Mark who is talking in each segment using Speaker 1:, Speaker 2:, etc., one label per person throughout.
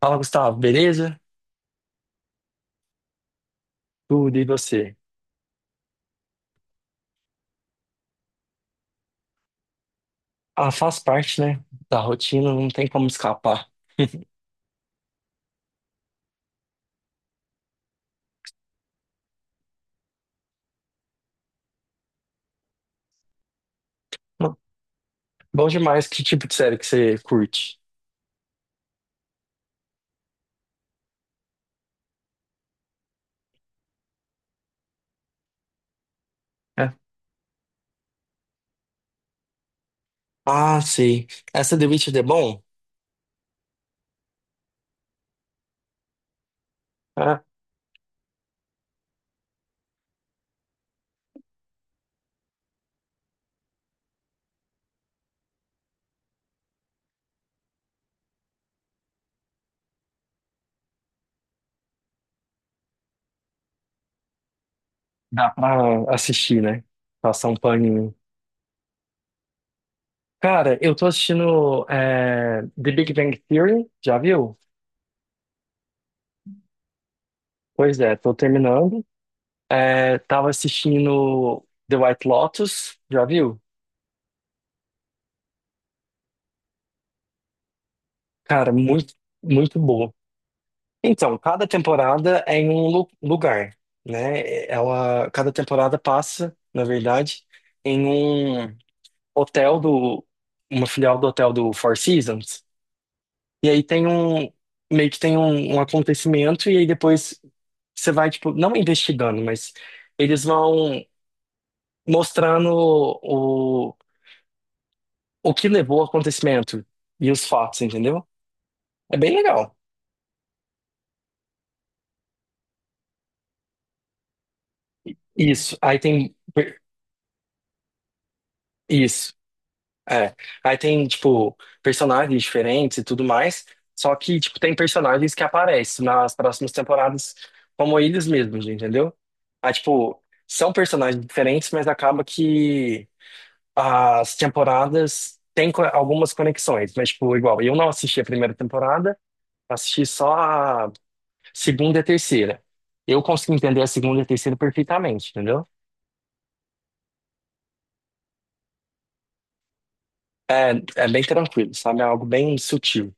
Speaker 1: Fala, Gustavo, beleza? Tudo e você? Ah, faz parte, né, da rotina, não tem como escapar. Não, bom demais, que tipo de série que você curte? É. Ah, sei. Essa The Witcher é bom? É. Dá pra assistir, né? Passar um paninho. Cara, eu tô assistindo The Big Bang Theory, já viu? Pois é, tô terminando. É, tava assistindo The White Lotus, já viu? Cara, muito boa. Então, cada temporada é em um lugar, né? Ela, cada temporada passa, na verdade, em um hotel uma filial do hotel do Four Seasons. E aí meio que tem um acontecimento e aí depois você vai, tipo, não investigando, mas eles vão mostrando o, o que levou ao acontecimento e os fatos, entendeu? É bem legal. Isso. Aí tem isso. É, aí tem, tipo, personagens diferentes e tudo mais, só que, tipo, tem personagens que aparecem nas próximas temporadas como eles mesmos, entendeu? Aí, tipo, são personagens diferentes, mas acaba que as temporadas têm algumas conexões, mas, tipo, igual, eu não assisti a primeira temporada, assisti só a segunda e a terceira. Eu consegui entender a segunda e a terceira perfeitamente, entendeu? É, é bem tranquilo, sabe? É algo bem sutil.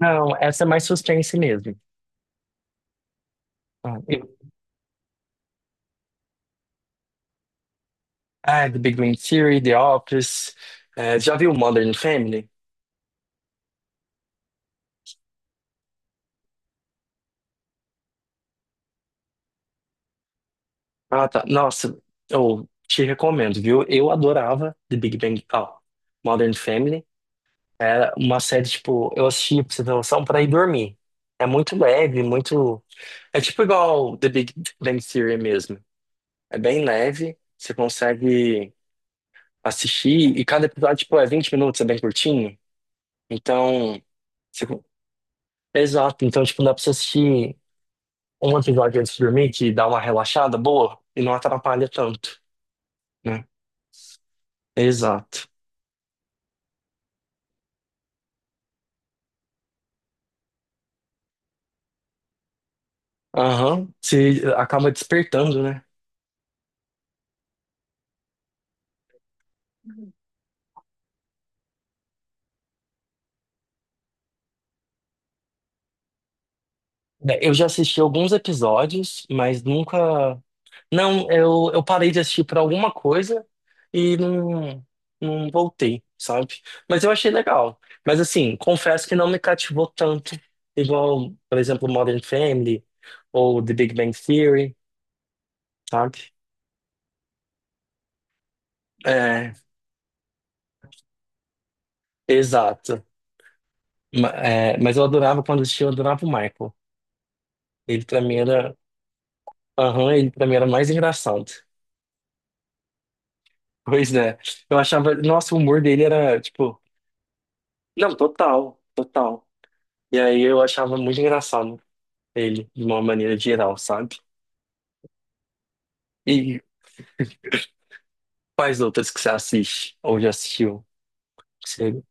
Speaker 1: Não, essa é mais suspense mesmo. Ah, e- ah, The Big Bang Theory, The Office. É, já viu Modern Family? Ah, tá. Nossa, eu te recomendo, viu? Eu adorava The Big Bang, ó, Modern Family. Era uma série, tipo, eu assistia pra você ter noção, pra ir dormir. É muito leve, muito. É tipo igual The Big Bang Theory mesmo. É bem leve, você consegue assistir, e cada episódio, tipo, é 20 minutos, é bem curtinho. Então, você... Exato, então, tipo, dá pra você assistir um episódio antes de dormir que dá uma relaxada boa e não atrapalha tanto, né? Exato. Aham. Se acaba despertando, né? Bem, eu já assisti alguns episódios, mas nunca. Não, eu parei de assistir por alguma coisa e não voltei, sabe? Mas eu achei legal. Mas assim, confesso que não me cativou tanto, igual, por exemplo, Modern Family ou The Big Bang Theory, sabe? É, exato. Mas eu adorava quando assistia, eu adorava o Michael. Ele pra mim era. Aham, ele pra mim era mais engraçado. Pois é. Eu achava. Nossa, o humor dele era, tipo. Não, total, total. E aí eu achava muito engraçado ele, de uma maneira geral, sabe? E quais outras que você assiste? Ou já assistiu? Que você...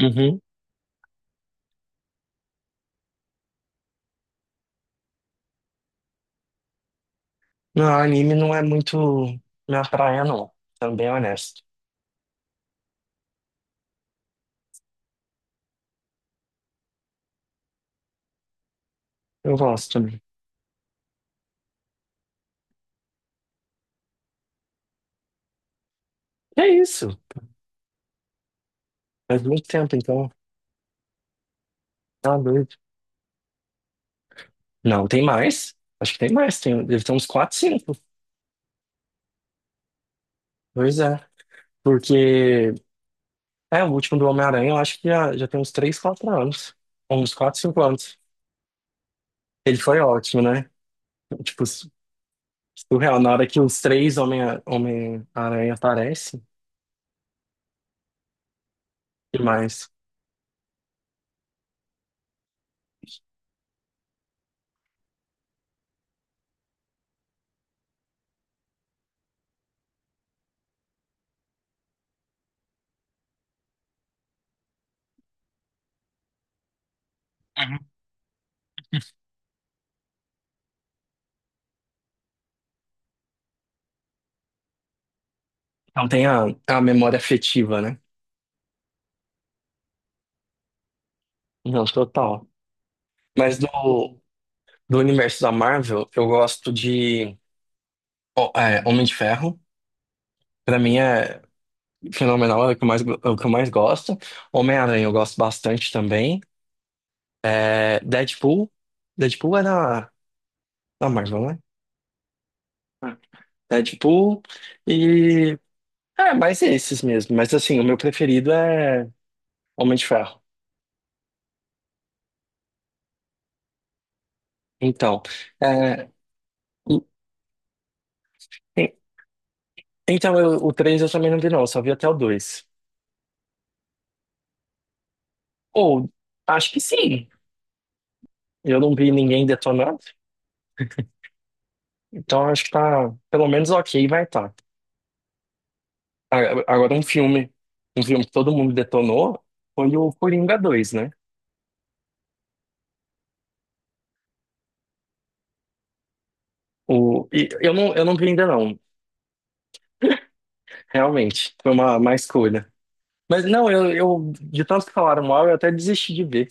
Speaker 1: Uhum. Não, anime não é muito minha praia, não. Sendo bem honesto. Eu gosto também. É isso. Faz muito tempo, então. Tá doido. Não, tem mais. Acho que tem mais. Tem, deve ter uns 4, 5. Pois é. Porque. É, o último do Homem-Aranha, eu acho que já tem uns 3, 4 anos. Uns 4, 5 anos. Ele foi ótimo, né? Tipo, surreal. Na hora que os três Homem-Aranha aparecem, e mais. Uhum. Não tem a memória afetiva, né? Não, total. Mas do universo da Marvel, eu gosto de Homem de Ferro. Pra mim é. Fenomenal é o que é o que eu mais gosto. Homem-Aranha eu gosto bastante também. É, Deadpool. Deadpool é da na Marvel, né? Ah, Deadpool e... É, mais esses mesmo. Mas assim, o meu preferido é Homem de Ferro. Então, é, e- e- então o 3 eu também não vi não, eu só vi até o dois. Ou, acho que sim. Eu não vi ninguém detonando, então acho que tá pelo menos ok, vai estar. a- Agora, um filme que todo mundo detonou foi o Coringa dois, né? O, e eu não vi ainda não, realmente, foi uma escolha. Mas não, eu, de tanto que falaram mal, eu até desisti de ver.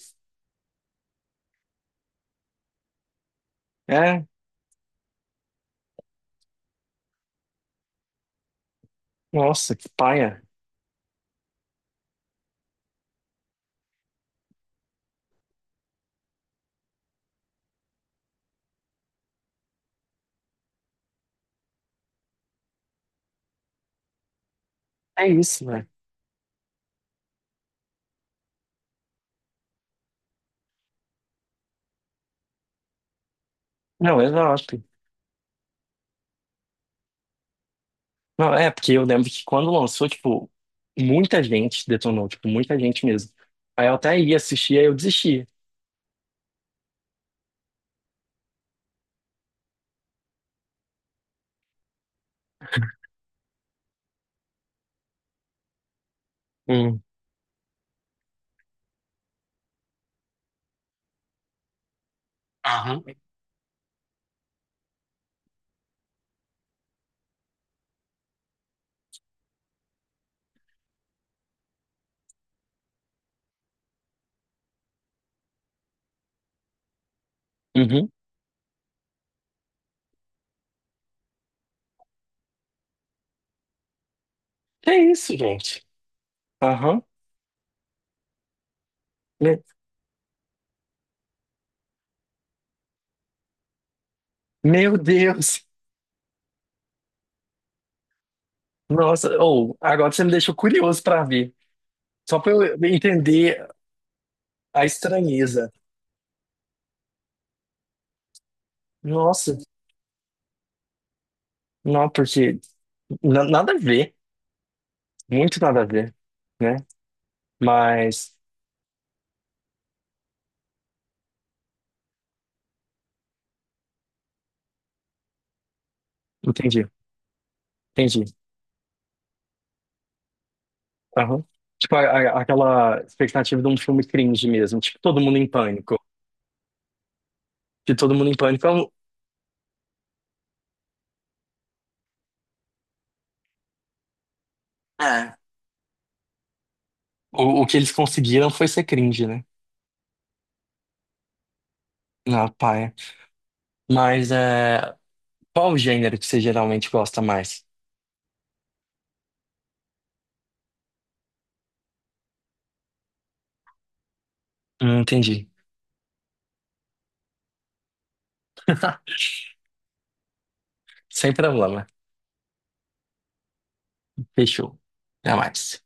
Speaker 1: É, nossa, que paia. É isso, né? Não, exato. Não, é, porque eu lembro que quando lançou, tipo, muita gente detonou, tipo, muita gente mesmo. Aí eu até ia assistir, aí eu desisti. Hum. Aham. Uhum. Que isso, gente? Aham. Me- Meu Deus! Nossa, ou agora você me deixou curioso para ver. Só para eu entender a estranheza. Nossa, não, porque nada a ver, muito nada a ver, né? Mas entendi, entendi. Aham. Tipo, aquela expectativa de um filme cringe mesmo, tipo, todo mundo em pânico. De todo mundo em pânico. É É. O, o que eles conseguiram foi ser cringe, né? Na paia. Mas é, qual o gênero que você geralmente gosta mais? Entendi. Sem problema. Fechou. Até mais.